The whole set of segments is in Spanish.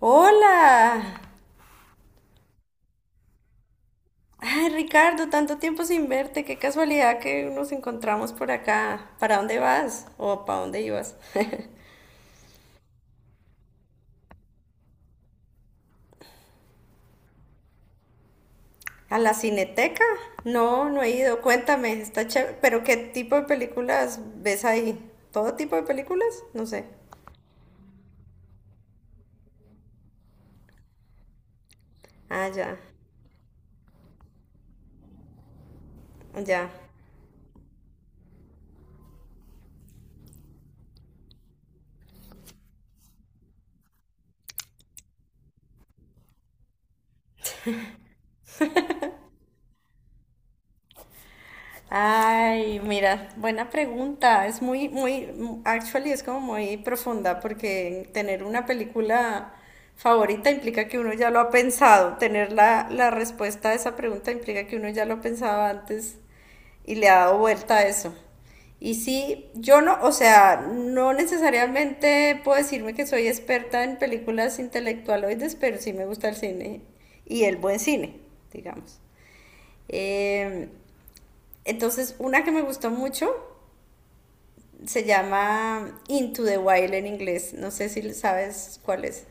Hola. Ay, Ricardo, tanto tiempo sin verte. Qué casualidad que nos encontramos por acá. ¿Para dónde vas? ¿O para dónde ibas? ¿A la Cineteca? No, no he ido. Cuéntame, está chévere. ¿Pero qué tipo de películas ves ahí? ¿Todo tipo de películas? No sé. Ah, ya, ya. Ay, mira, buena pregunta. Es muy, muy, actually es como muy profunda porque tener una película favorita implica que uno ya lo ha pensado. Tener la respuesta a esa pregunta implica que uno ya lo pensaba antes y le ha dado vuelta a eso. Y sí, yo no, o sea, no necesariamente puedo decirme que soy experta en películas intelectualoides, pero sí me gusta el cine y el buen cine, digamos. Em, entonces, una que me gustó mucho se llama Into the Wild en inglés. No sé si sabes cuál es.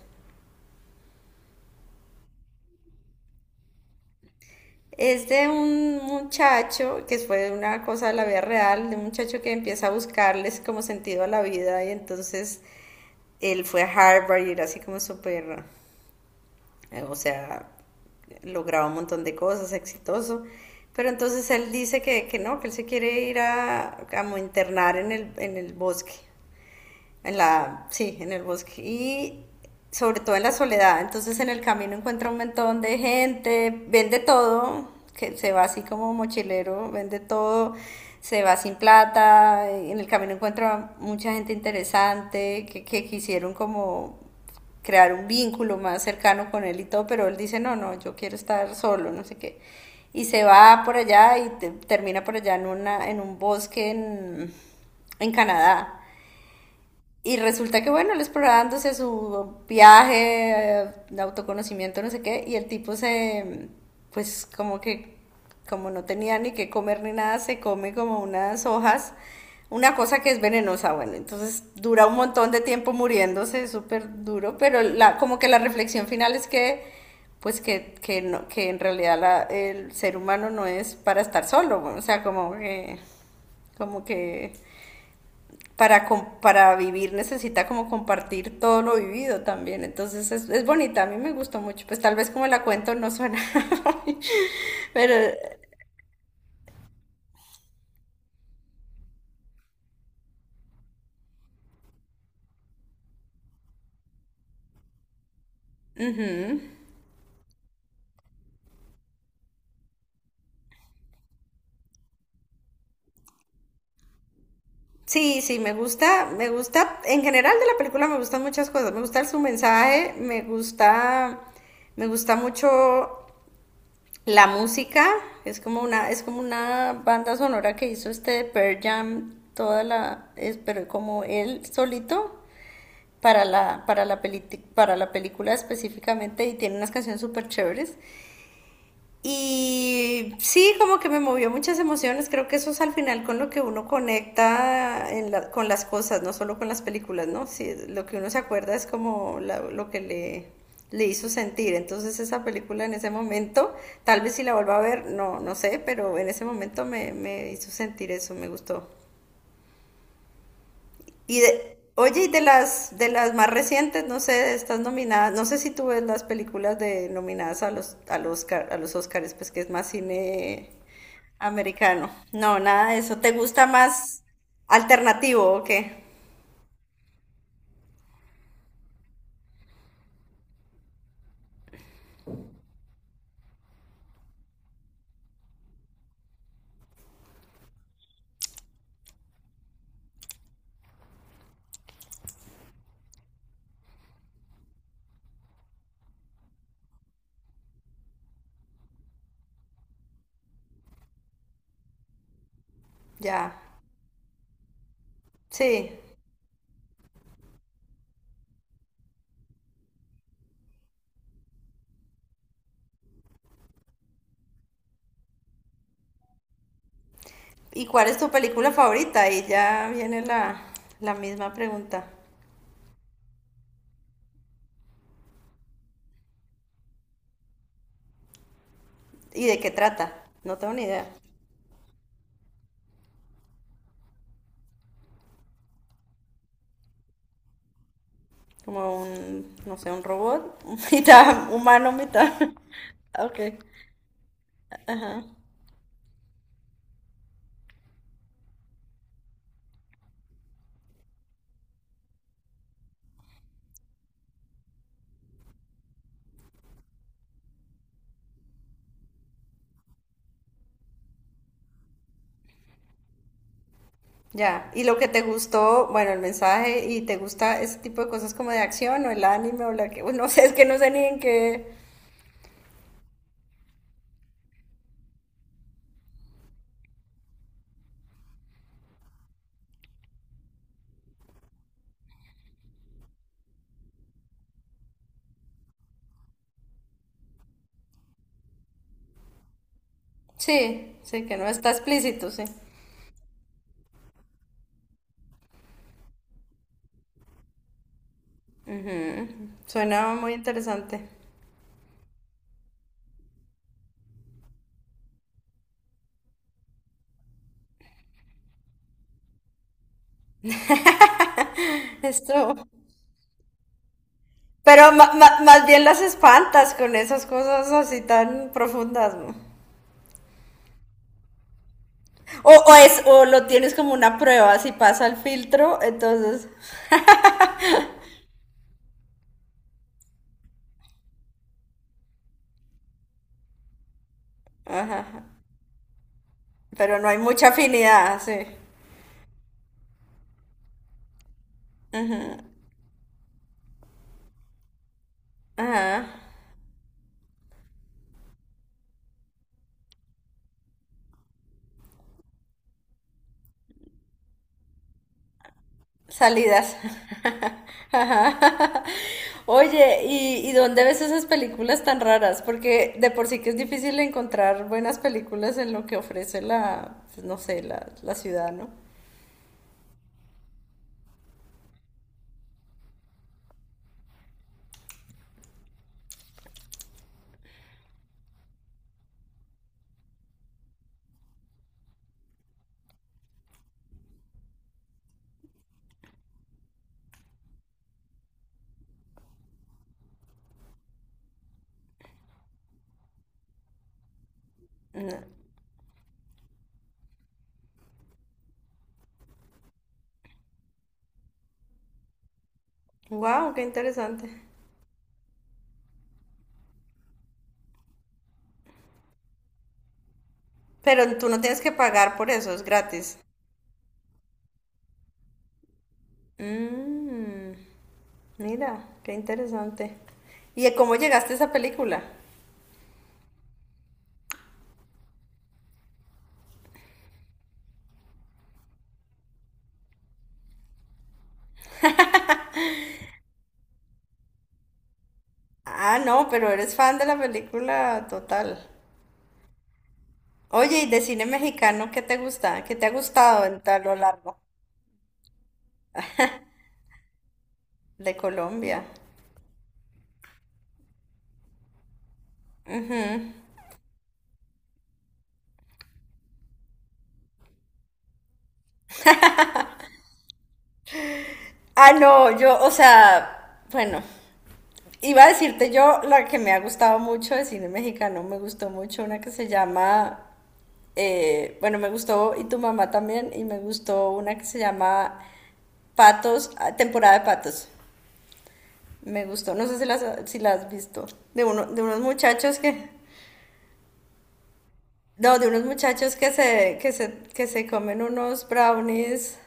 Es de un muchacho, que fue una cosa de la vida real, de un muchacho que empieza a buscarles como sentido a la vida y entonces él fue a Harvard y era así como súper, o sea, lograba un montón de cosas, exitoso. Pero entonces él dice que no, que él se quiere ir a internar en el bosque. En la, sí, en el bosque. Y sobre todo en la soledad. Entonces en el camino encuentra un montón de gente, vende todo, que se va así como mochilero, vende todo, se va sin plata. En el camino encuentra mucha gente interesante que quisieron como crear un vínculo más cercano con él y todo, pero él dice, no, no, yo quiero estar solo, no sé qué. Y se va por allá y termina por allá en, una, en un bosque en Canadá. Y resulta que, bueno, él explorándose su viaje, de autoconocimiento, no sé qué, y el tipo se, pues como que, como no tenía ni que comer ni nada, se come como unas hojas, una cosa que es venenosa. Bueno, entonces dura un montón de tiempo muriéndose, súper duro, pero la, como que la reflexión final es que, pues que, no, que en realidad el ser humano no es para estar solo. Bueno, o sea, como que para, para vivir necesita como compartir todo lo vivido también. Entonces es bonita, a mí me gustó mucho. Pues tal vez como la cuento no suena, pero sí, sí, me gusta, en general de la película me gustan muchas cosas. Me gusta su mensaje, me gusta mucho la música. Es como una banda sonora que hizo este de Pearl Jam, toda la, es, pero como él solito. Para la, para la, peli para la película específicamente y tiene unas canciones súper chéveres. Y sí, como que me movió muchas emociones, creo que eso es al final con lo que uno conecta en la, con las cosas, no solo con las películas, ¿no? Sí, lo que uno se acuerda es como la, lo que le hizo sentir. Entonces esa película en ese momento, tal vez si la vuelva a ver, no, no sé, pero en ese momento me, me hizo sentir eso, me gustó. Y de, oye, y de las más recientes, no sé, estas nominadas, no sé si tú ves las películas de nominadas a los a los a los Oscars, pues que es más cine americano. No, nada de eso. ¿Te gusta más alternativo o qué? Ya. Sí. ¿Y cuál es tu película favorita? Y ya viene la misma pregunta. ¿Y de qué trata? No tengo ni idea. Como un, no sé, un robot, mitad humano, mitad. Ok. Ajá. Ya, y lo que te gustó, bueno, el mensaje y te gusta ese tipo de cosas como de acción o el anime o la que, bueno, no sé, es que no sé ni en qué. Sí, sí, que no está explícito, sí. Ujú. Suena muy interesante. Esto. Pero más bien las espantas con esas cosas así tan profundas, ¿no? O es, o lo tienes como una prueba, si pasa el filtro, entonces. Ajá. Pero no hay mucha afinidad, sí. Ajá. Salidas. Ajá. Oye, ¿y dónde ves esas películas tan raras? Porque de por sí que es difícil encontrar buenas películas en lo que ofrece la, pues, no sé, la ciudad, ¿no? Wow, qué interesante. Pero tú no tienes que pagar por eso, es gratis. Mira, qué interesante. ¿Y cómo llegaste a esa película? Ah, no, pero eres fan de la película total. Oye, ¿y de cine mexicano qué te gusta? ¿Qué te ha gustado en, a lo largo de Colombia? Ah, no, yo, o sea, bueno, iba a decirte yo la que me ha gustado mucho de cine mexicano. Me gustó mucho una que se llama, bueno, me gustó Y Tu Mamá También, y me gustó una que se llama Patos, ah, Temporada de Patos. Me gustó, no sé si las si la has visto, de, uno, de unos muchachos que no, de unos muchachos que se comen unos brownies,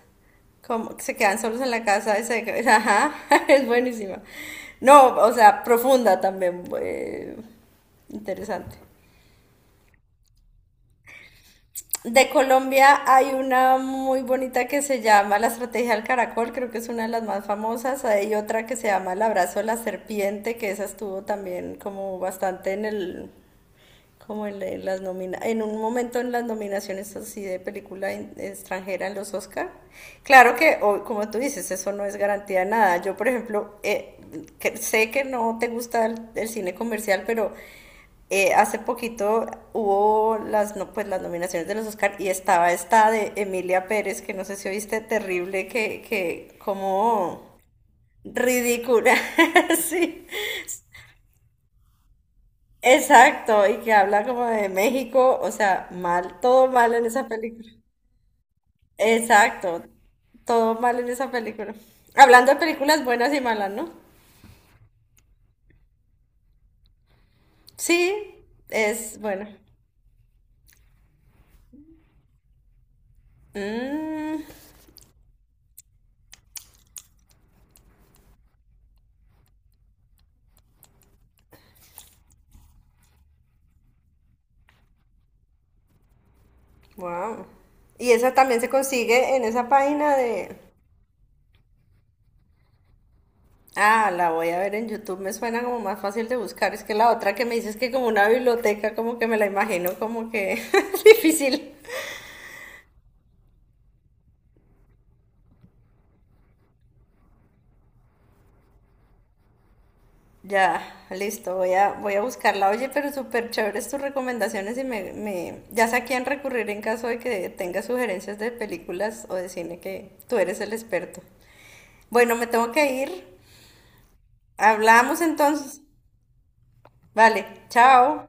como que se quedan solos en la casa y se- ajá, es buenísima. No, o sea, profunda también, interesante. De Colombia hay una muy bonita que se llama La Estrategia del Caracol, creo que es una de las más famosas. Hay otra que se llama El Abrazo de la Serpiente, que esa estuvo también como bastante en el, como en las nomina en un momento en las nominaciones así de película extranjera en los Oscar. Claro que, como tú dices, eso no es garantía de nada. Yo, por ejemplo, sé que no te gusta el cine comercial, pero hace poquito hubo las, no, pues, las nominaciones de los Oscar y estaba esta de Emilia Pérez, que no sé si oíste, terrible, que como ridícula, sí, exacto, y que habla como de México, o sea, mal, todo mal en esa película. Exacto, todo mal en esa película. Hablando de películas buenas y malas, ¿no? Sí, es buena. Mm, wow. Y esa también se consigue en esa página de... Ah, la voy a ver en YouTube, me suena como más fácil de buscar. Es que la otra que me dices que como una biblioteca, como que me la imagino como que difícil. Ya, listo, voy a, voy a buscarla. Oye, pero súper chéveres tus recomendaciones y me, ya sé a quién recurrir en caso de que tenga sugerencias de películas o de cine, que tú eres el experto. Bueno, me tengo que ir. Hablamos entonces. Vale, chao.